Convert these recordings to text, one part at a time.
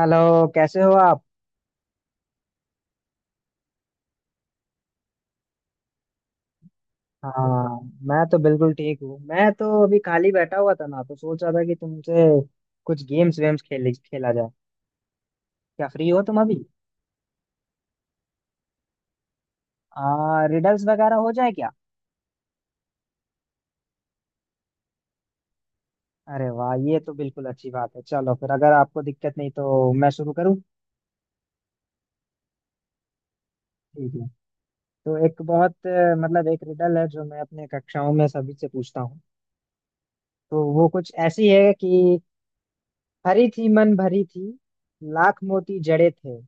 Hello. कैसे हो आप? हाँ, मैं तो बिल्कुल ठीक हूँ। मैं तो अभी खाली बैठा हुआ था ना, तो सोच रहा था कि तुमसे कुछ गेम्स वेम्स खेल खेला जाए। क्या फ्री हो तुम अभी? रिडल्स वगैरह हो जाए क्या? अरे वाह, ये तो बिल्कुल अच्छी बात है। चलो फिर अगर आपको दिक्कत नहीं तो मैं शुरू करूँ। ठीक है। तो एक बहुत मतलब एक रिडल है जो मैं अपने कक्षाओं में सभी से पूछता हूँ। तो वो कुछ ऐसी है कि हरी थी मन भरी थी, लाख मोती जड़े थे।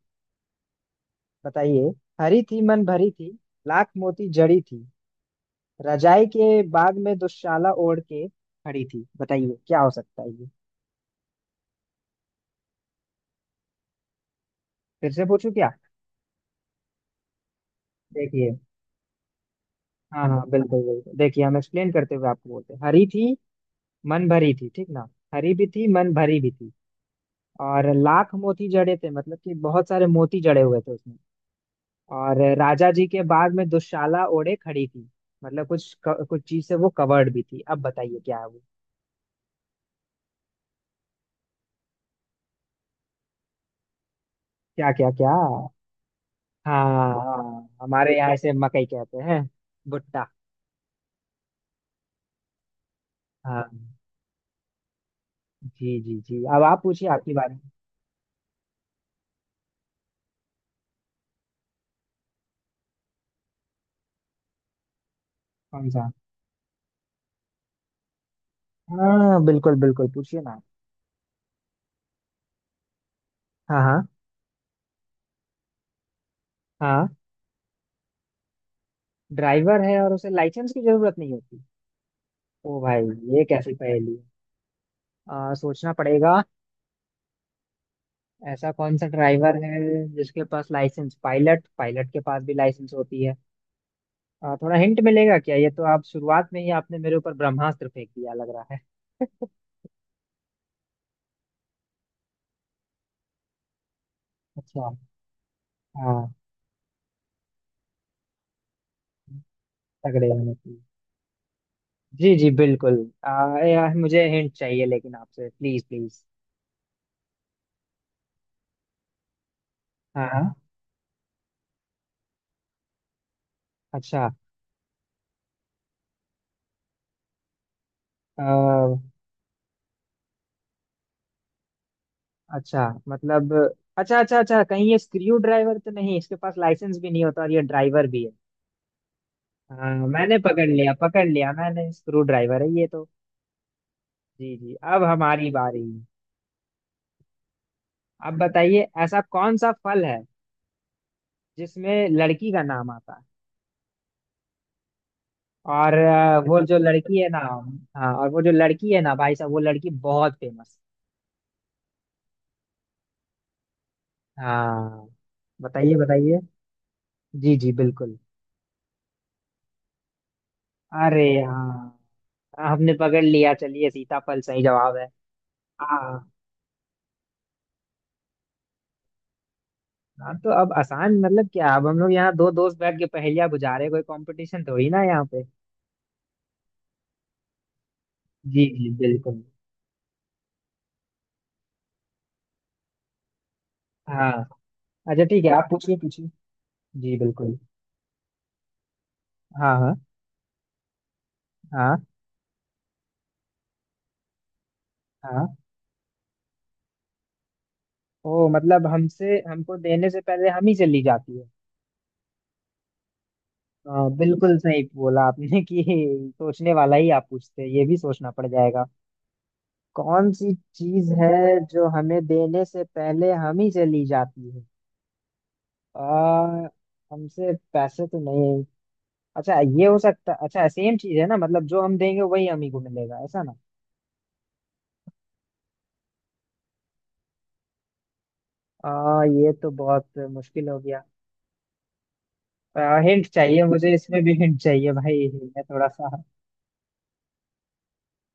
बताइए। हरी थी मन भरी थी, लाख मोती जड़ी थी, रजाई के बाग में दुशाला ओढ़ के खड़ी थी। बताइए क्या हो सकता है ये? फिर से पूछूं क्या? देखिए। हाँ हाँ बिल्कुल बिल्कुल, देखिए हम एक्सप्लेन करते हुए आपको बोलते हैं। हरी थी मन भरी थी, ठीक ना? हरी भी थी, मन भरी भी थी। और लाख मोती जड़े थे मतलब कि बहुत सारे मोती जड़े हुए थे उसमें। और राजा जी के बाग में दुशाला ओढ़े खड़ी थी मतलब कुछ कुछ चीज से वो कवर्ड भी थी। अब बताइए क्या है वो? क्या क्या क्या? हाँ। हाँ हमारे यहाँ इसे मकई कहते हैं। भुट्टा। हाँ। जी जी जी, अब आप पूछिए आपके बारे में। कौन सा? हाँ बिल्कुल बिल्कुल, पूछिए ना। हाँ हाँ। हाँ। ड्राइवर है और उसे लाइसेंस की जरूरत नहीं होती। ओ भाई, ये कैसी पहेली है? सोचना पड़ेगा। ऐसा कौन सा ड्राइवर है जिसके पास लाइसेंस, पायलट पायलट के पास भी लाइसेंस होती है। थोड़ा हिंट मिलेगा क्या? ये तो आप शुरुआत में ही आपने मेरे ऊपर ब्रह्मास्त्र फेंक दिया लग रहा है। अच्छा। हाँ। तगड़े होने की। जी जी बिल्कुल। यार मुझे हिंट चाहिए लेकिन आपसे, प्लीज प्लीज। हाँ हाँ। अच्छा। आ, अच्छा मतलब। अच्छा अच्छा अच्छा, कहीं ये स्क्रू ड्राइवर तो नहीं? इसके पास लाइसेंस भी नहीं होता और ये ड्राइवर भी है। हाँ, मैंने पकड़ लिया पकड़ लिया, मैंने, स्क्रू ड्राइवर है ये तो। जी जी, अब हमारी बारी। अब बताइए ऐसा कौन सा फल है जिसमें लड़की का नाम आता है। और वो जो लड़की है ना, हाँ, और वो जो लड़की है ना भाई साहब, वो लड़की बहुत फेमस। हाँ बताइए बताइए। जी जी बिल्कुल। अरे हाँ, हमने पकड़ लिया। चलिए सीताफल सही जवाब है। हाँ। हाँ तो अब आसान मतलब क्या, अब हम लोग यहाँ दो दोस्त बैठ के पहेलियां बुझा रहे हैं, कोई कंपटीशन थोड़ी ना है यहाँ पे। जी जी बिल्कुल। हाँ। अच्छा ठीक है, आप पूछिए पूछिए। जी बिल्कुल। हाँ हाँ। हाँ हाँ। ओ मतलब, हमसे हमको देने से पहले हम ही चली जाती है। हाँ, बिल्कुल सही बोला आपने कि सोचने वाला ही आप पूछते हैं। ये भी सोचना पड़ जाएगा। कौन सी चीज है जो हमें देने से पहले हम ही चली जाती है? आ, हमसे पैसे तो नहीं? अच्छा, ये हो सकता। अच्छा सेम चीज है ना मतलब जो हम देंगे वही हम ही को मिलेगा ऐसा ना। ये तो बहुत मुश्किल हो गया। हिंट चाहिए मुझे, इसमें भी हिंट चाहिए भाई। मैं थोड़ा सा।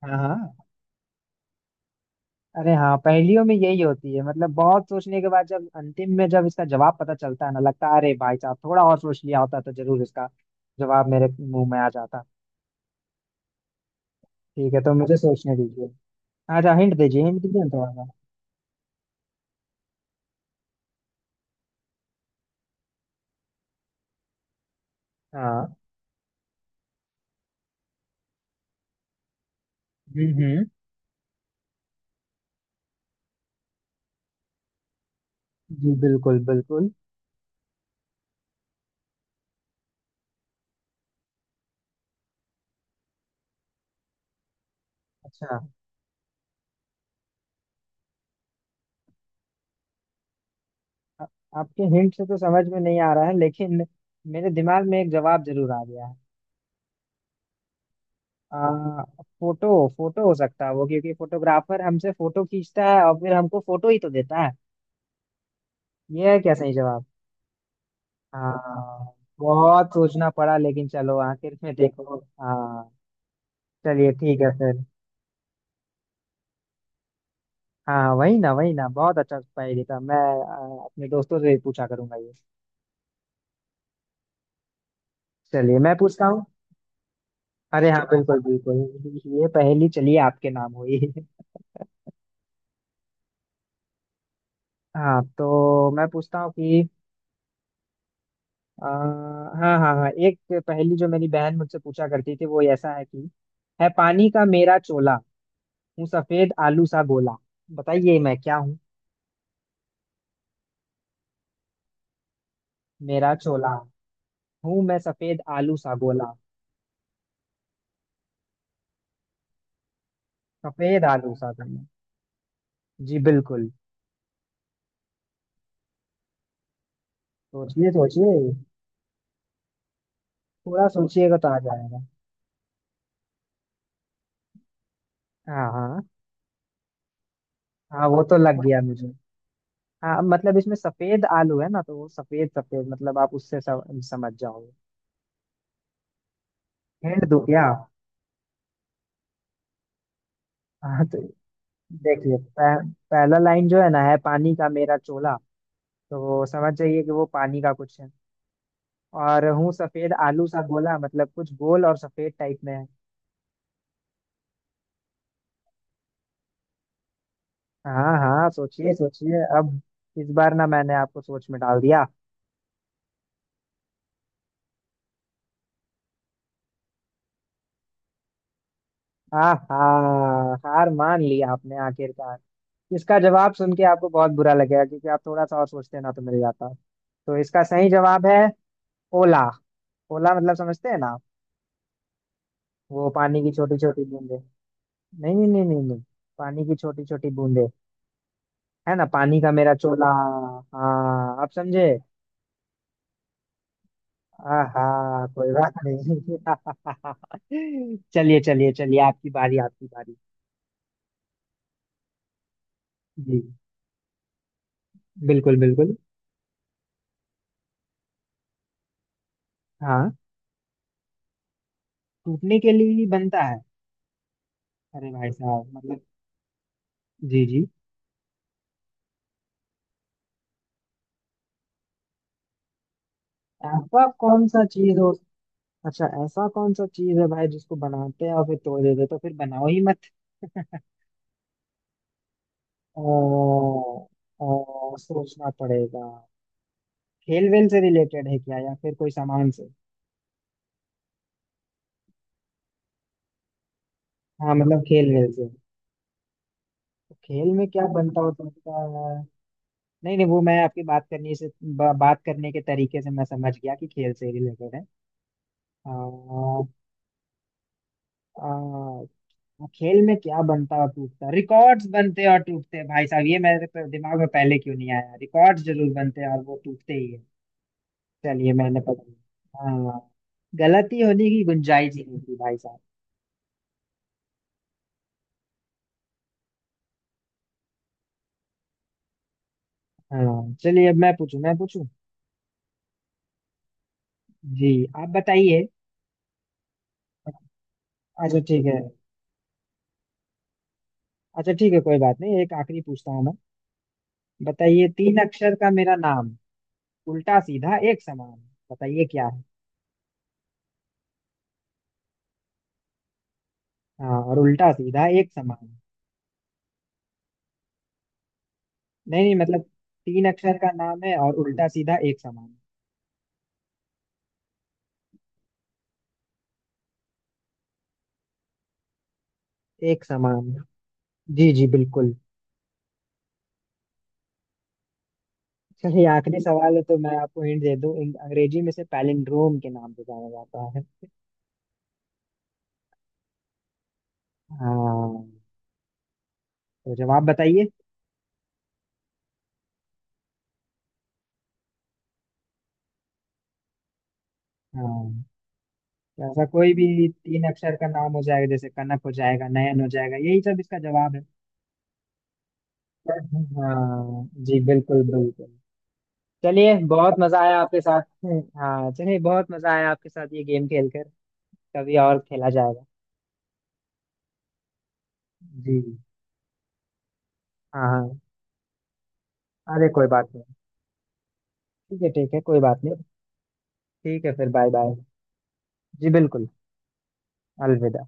हाँ हाँ। अरे हाँ, पहेलियों में यही होती है, मतलब बहुत सोचने के बाद जब अंतिम में जब इसका जवाब पता चलता है ना, लगता है अरे भाई साहब थोड़ा और सोच लिया होता तो जरूर इसका जवाब मेरे मुंह में आ जाता। ठीक है तो मुझे सोचने दीजिए। अच्छा हिंट दीजिए, हिंट दीजिए ना थोड़ा सा। हाँ। हम्म। जी बिल्कुल बिल्कुल। अच्छा। आ, आपके हिंट से तो समझ में नहीं आ रहा है, लेकिन मेरे दिमाग में एक जवाब जरूर आ गया है। आ, फोटो, फोटो हो सकता है वो, क्योंकि फोटोग्राफर हमसे फोटो खींचता है और फिर हमको फोटो ही तो देता है। ये है क्या सही जवाब? हाँ बहुत सोचना पड़ा, लेकिन चलो, आखिर में देखो। हाँ चलिए ठीक है फिर। हाँ वही ना वही ना, बहुत अच्छा स्पाई था। मैं अपने दोस्तों से ही पूछा करूंगा ये। चलिए मैं पूछता हूँ। अरे हाँ बिल्कुल बिल्कुल, ये पहेली चलिए आपके नाम हुई। हाँ तो मैं पूछता हूँ कि हाँ हाँ हाँ, एक पहेली जो मेरी बहन मुझसे पूछा करती थी, वो ऐसा है कि, है पानी का मेरा चोला, हूँ सफेद आलू सा गोला। बताइए मैं क्या हूँ। मेरा चोला। हूँ मैं सफेद आलू सा गोला। सफेद आलू सा गोला। जी बिल्कुल। सोचिए सोचिए। थोड़ा सोचिएगा तो आ जाएगा। हाँ हाँ। हाँ, वो तो लग गया मुझे। हाँ मतलब इसमें सफेद आलू है ना, तो वो सफेद, सफेद मतलब आप उससे समझ जाओगे। हिंट दूं क्या? हाँ तो देखिए, पहला लाइन जो है ना, है पानी का मेरा चोला, तो वो समझ जाइए कि वो पानी का कुछ है। और हूँ सफेद आलू सा गोला, मतलब कुछ गोल और सफेद टाइप में है। हाँ हाँ सोचिए सोचिए अब। इस बार ना मैंने आपको सोच में डाल दिया। आहा, हार मान ली आपने आखिरकार। इसका जवाब सुन के आपको बहुत बुरा लगेगा, क्योंकि आप थोड़ा सा और सोचते ना तो मिल जाता। तो इसका सही जवाब है ओला। ओला मतलब समझते हैं ना आप? वो पानी की छोटी छोटी बूंदे। नहीं नहीं नहीं नहीं नहीं, पानी की छोटी छोटी बूंदे। है ना, पानी का मेरा चोला। हाँ, आप समझे। आहा, कोई बात नहीं। चलिए चलिए चलिए, आपकी बारी आपकी बारी। जी बिल्कुल बिल्कुल। हाँ। टूटने के लिए ही बनता है। अरे भाई साहब मतलब। जी जी, ऐसा कौन सा चीज हो। अच्छा ऐसा कौन सा चीज है भाई जिसको बनाते हैं और फिर तोड़ देते हैं? तो फिर बनाओ ही मत। ओ, ओ, सोचना पड़ेगा। खेल वेल से रिलेटेड है क्या, या फिर कोई सामान से? हाँ मतलब खेल वेल से। तो खेल में क्या बनता हो सकता है? नहीं नहीं, वो मैं आपकी बात करने से बात करने के तरीके से मैं समझ गया कि खेल से रिलेटेड है। आ, आ, हाँ, खेल में क्या बनता और टूटता, रिकॉर्ड्स बनते और टूटते हैं भाई साहब। ये मेरे पे दिमाग में पहले क्यों नहीं आया, रिकॉर्ड्स जरूर बनते हैं और वो टूटते ही है। चलिए मैंने पकड़ लिया। हाँ, गलती होने की गुंजाइश ही नहीं थी भाई साहब। हाँ चलिए अब मैं पूछूं मैं पूछूं। जी, आप बताइए। अच्छा ठीक है। अच्छा ठीक है, कोई बात नहीं, एक आखिरी पूछता हूँ मैं। बताइए तीन अक्षर का मेरा नाम, उल्टा सीधा एक समान। बताइए क्या है? हाँ, और उल्टा सीधा एक समान। नहीं नहीं मतलब, तीन अक्षर का नाम है और उल्टा सीधा एक समान। एक समान। जी जी बिल्कुल। चलिए आखिरी सवाल है तो मैं आपको हिंट दे दूं, अंग्रेजी में से पैलिंड्रोम के नाम से जाना जाता है। हाँ, तो जवाब बताइए। हाँ, तो ऐसा कोई भी तीन अक्षर का नाम हो जाएगा, जैसे कनक हो जाएगा, नयन हो जाएगा, यही सब इसका जवाब है। हाँ जी बिल्कुल बिल्कुल। चलिए, बहुत मजा आया आपके साथ। हाँ, चलिए बहुत मजा आया आपके साथ ये गेम खेलकर। कभी और खेला जाएगा। जी। हाँ हाँ। अरे कोई बात नहीं। ठीक है ठीक है, कोई बात नहीं। ठीक है, फिर बाय बाय। जी बिल्कुल। अलविदा।